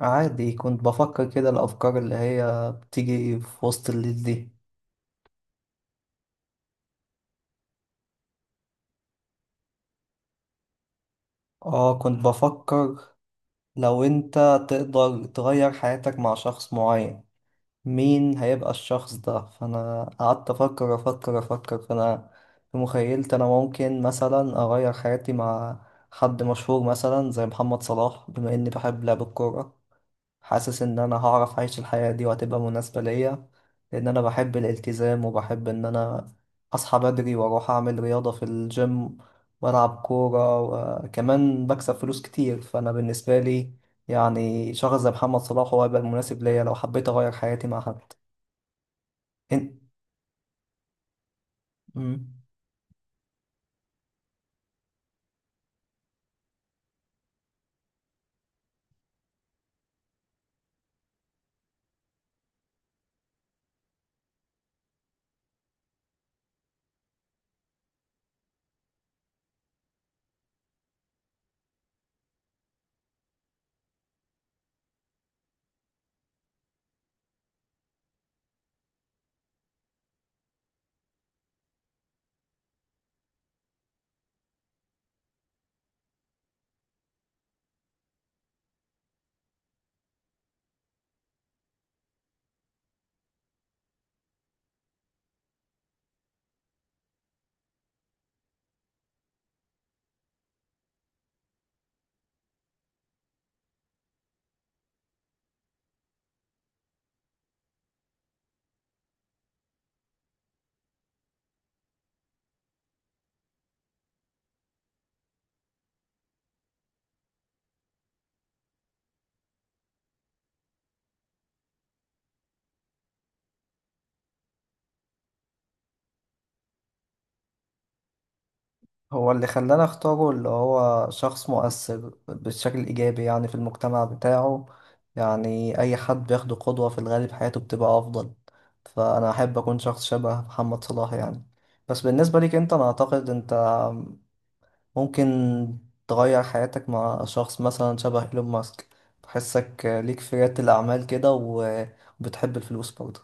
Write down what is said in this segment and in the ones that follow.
عادي، كنت بفكر كده الأفكار اللي هي بتيجي في وسط الليل دي. اه كنت بفكر لو انت تقدر تغير حياتك مع شخص معين، مين هيبقى الشخص ده؟ فأنا قعدت أفكر فأنا في مخيلتي أنا ممكن مثلا أغير حياتي مع حد مشهور مثلا زي محمد صلاح، بما إني بحب لعب الكورة. حاسس ان انا هعرف اعيش الحياة دي وهتبقى مناسبة ليا، لان انا بحب الالتزام وبحب ان انا اصحى بدري واروح اعمل رياضة في الجيم والعب كورة، وكمان بكسب فلوس كتير. فانا بالنسبة لي يعني شخص زي محمد صلاح هو هيبقى مناسب ليا لو حبيت اغير حياتي مع حد. إن- مم. هو اللي خلاني اختاره اللي هو شخص مؤثر بالشكل الإيجابي يعني في المجتمع بتاعه. يعني أي حد بياخده قدوة في الغالب حياته بتبقى أفضل، فأنا أحب أكون شخص شبه محمد صلاح يعني. بس بالنسبة ليك أنت، أنا أعتقد أنت ممكن تغير حياتك مع شخص مثلا شبه إيلون ماسك. بحسك ليك في ريادة الأعمال كده و- وبتحب الفلوس برضه.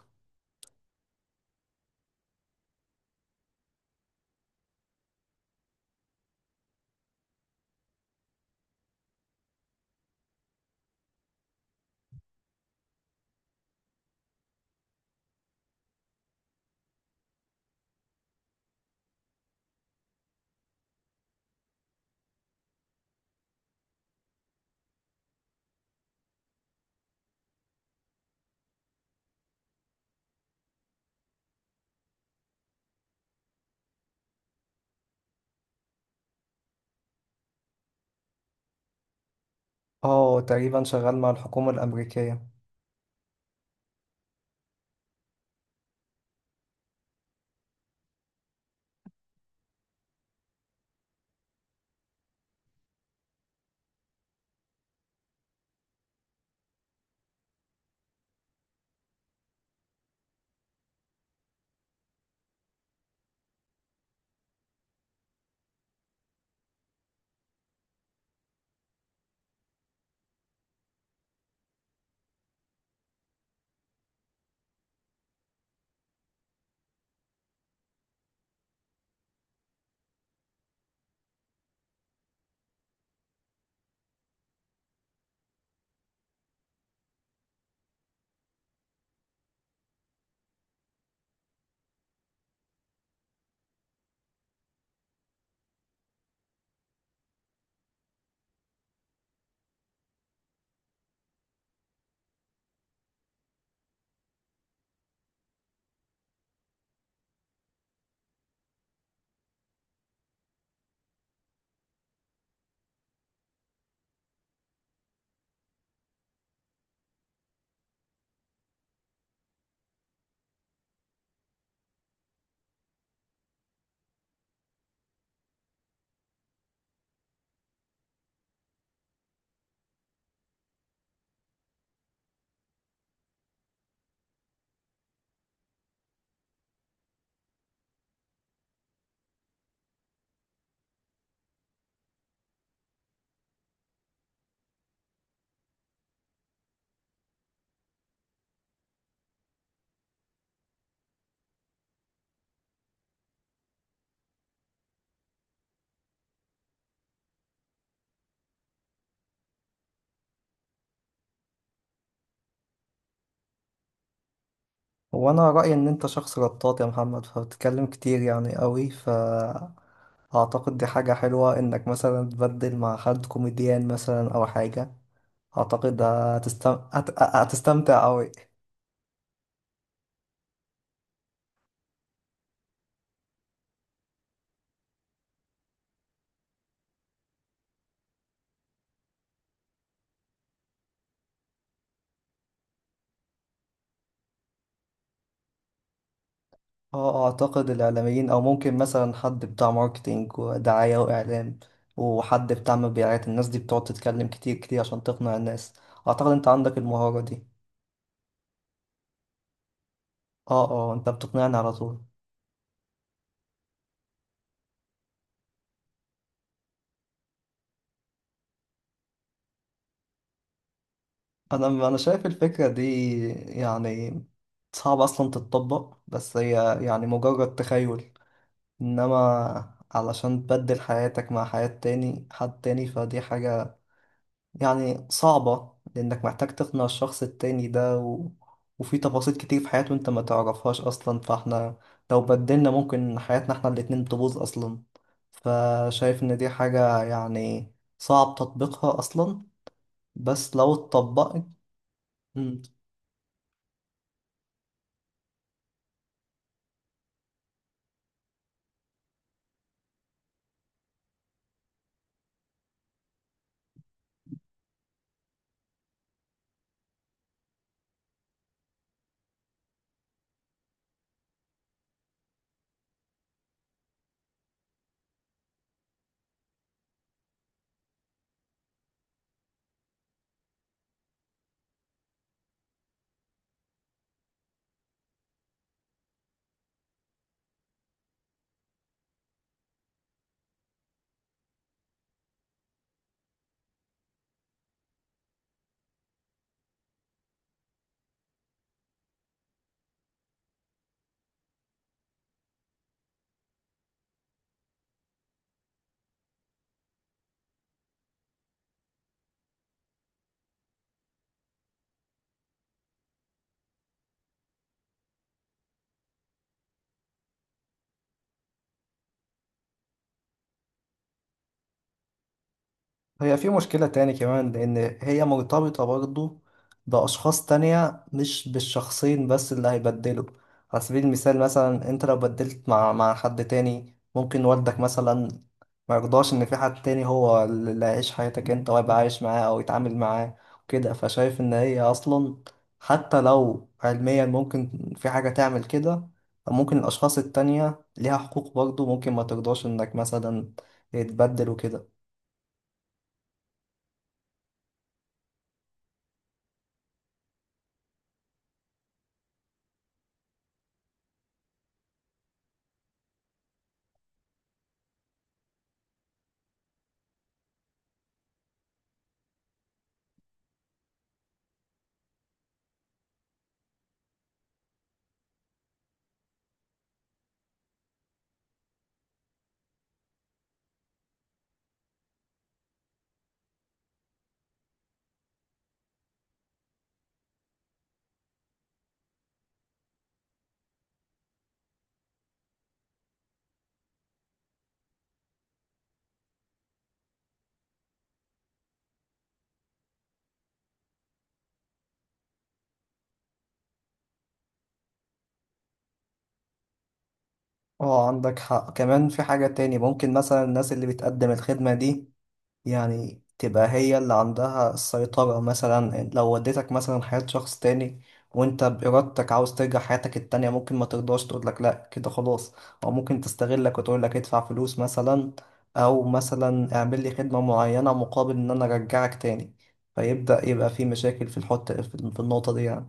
اه، تقريبا شغال مع الحكومة الأمريكية. هو انا رأيي ان انت شخص رطاط يا محمد، فبتتكلم كتير يعني قوي، فاعتقد دي حاجة حلوة انك مثلا تبدل مع حد كوميديان مثلا او حاجة. اعتقد هتستم... هت... هتستمتع قوي. اه، اعتقد الاعلاميين او ممكن مثلا حد بتاع ماركتينج ودعاية واعلام، وحد بتاع مبيعات. الناس دي بتقعد تتكلم كتير كتير عشان تقنع الناس، اعتقد انت عندك المهارة دي. اه انت بتقنعني على طول. انا شايف الفكره دي يعني صعب اصلا تتطبق، بس هي يعني مجرد تخيل. انما علشان تبدل حياتك مع حياة تاني حد تاني فدي حاجه يعني صعبه، لانك محتاج تقنع الشخص التاني ده و... وفي تفاصيل كتير في حياته انت ما تعرفهاش اصلا. فاحنا لو بدلنا ممكن حياتنا احنا الاتنين تبوظ اصلا، فشايف ان دي حاجه يعني صعب تطبيقها اصلا. بس لو اتطبقت، هي في مشكلة تاني كمان، لأن هي مرتبطة برضو بأشخاص تانية مش بالشخصين بس اللي هيبدلوا. على سبيل المثال مثلا أنت لو بدلت مع حد تاني، ممكن والدك مثلا ما يرضاش إن في حد تاني هو اللي هيعيش حياتك أنت ويبقى عايش معاه أو يتعامل معاه وكده. فشايف إن هي أصلا حتى لو علميا ممكن في حاجة تعمل كده، ممكن الأشخاص التانية ليها حقوق برضو، ممكن ما ترضاش إنك مثلا يتبدل وكده. اه، عندك حق. كمان في حاجة تاني، ممكن مثلا الناس اللي بتقدم الخدمة دي يعني تبقى هي اللي عندها السيطرة. مثلا لو وديتك مثلا حياة شخص تاني وانت بإرادتك عاوز ترجع حياتك التانية، ممكن ما ترضاش تقولك لأ كده خلاص، أو ممكن تستغلك وتقولك ادفع فلوس مثلا، أو مثلا اعمل لي خدمة معينة مقابل إن أنا أرجعك تاني. فيبدأ يبقى في مشاكل في الحط في النقطة دي يعني.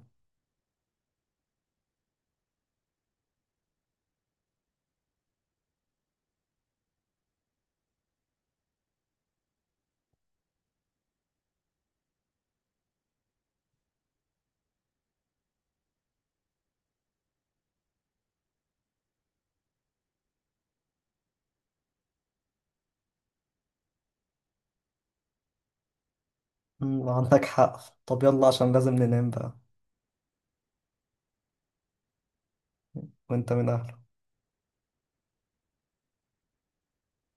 عندك حق. طب يلا عشان لازم ننام بقى. وانت من أهلك.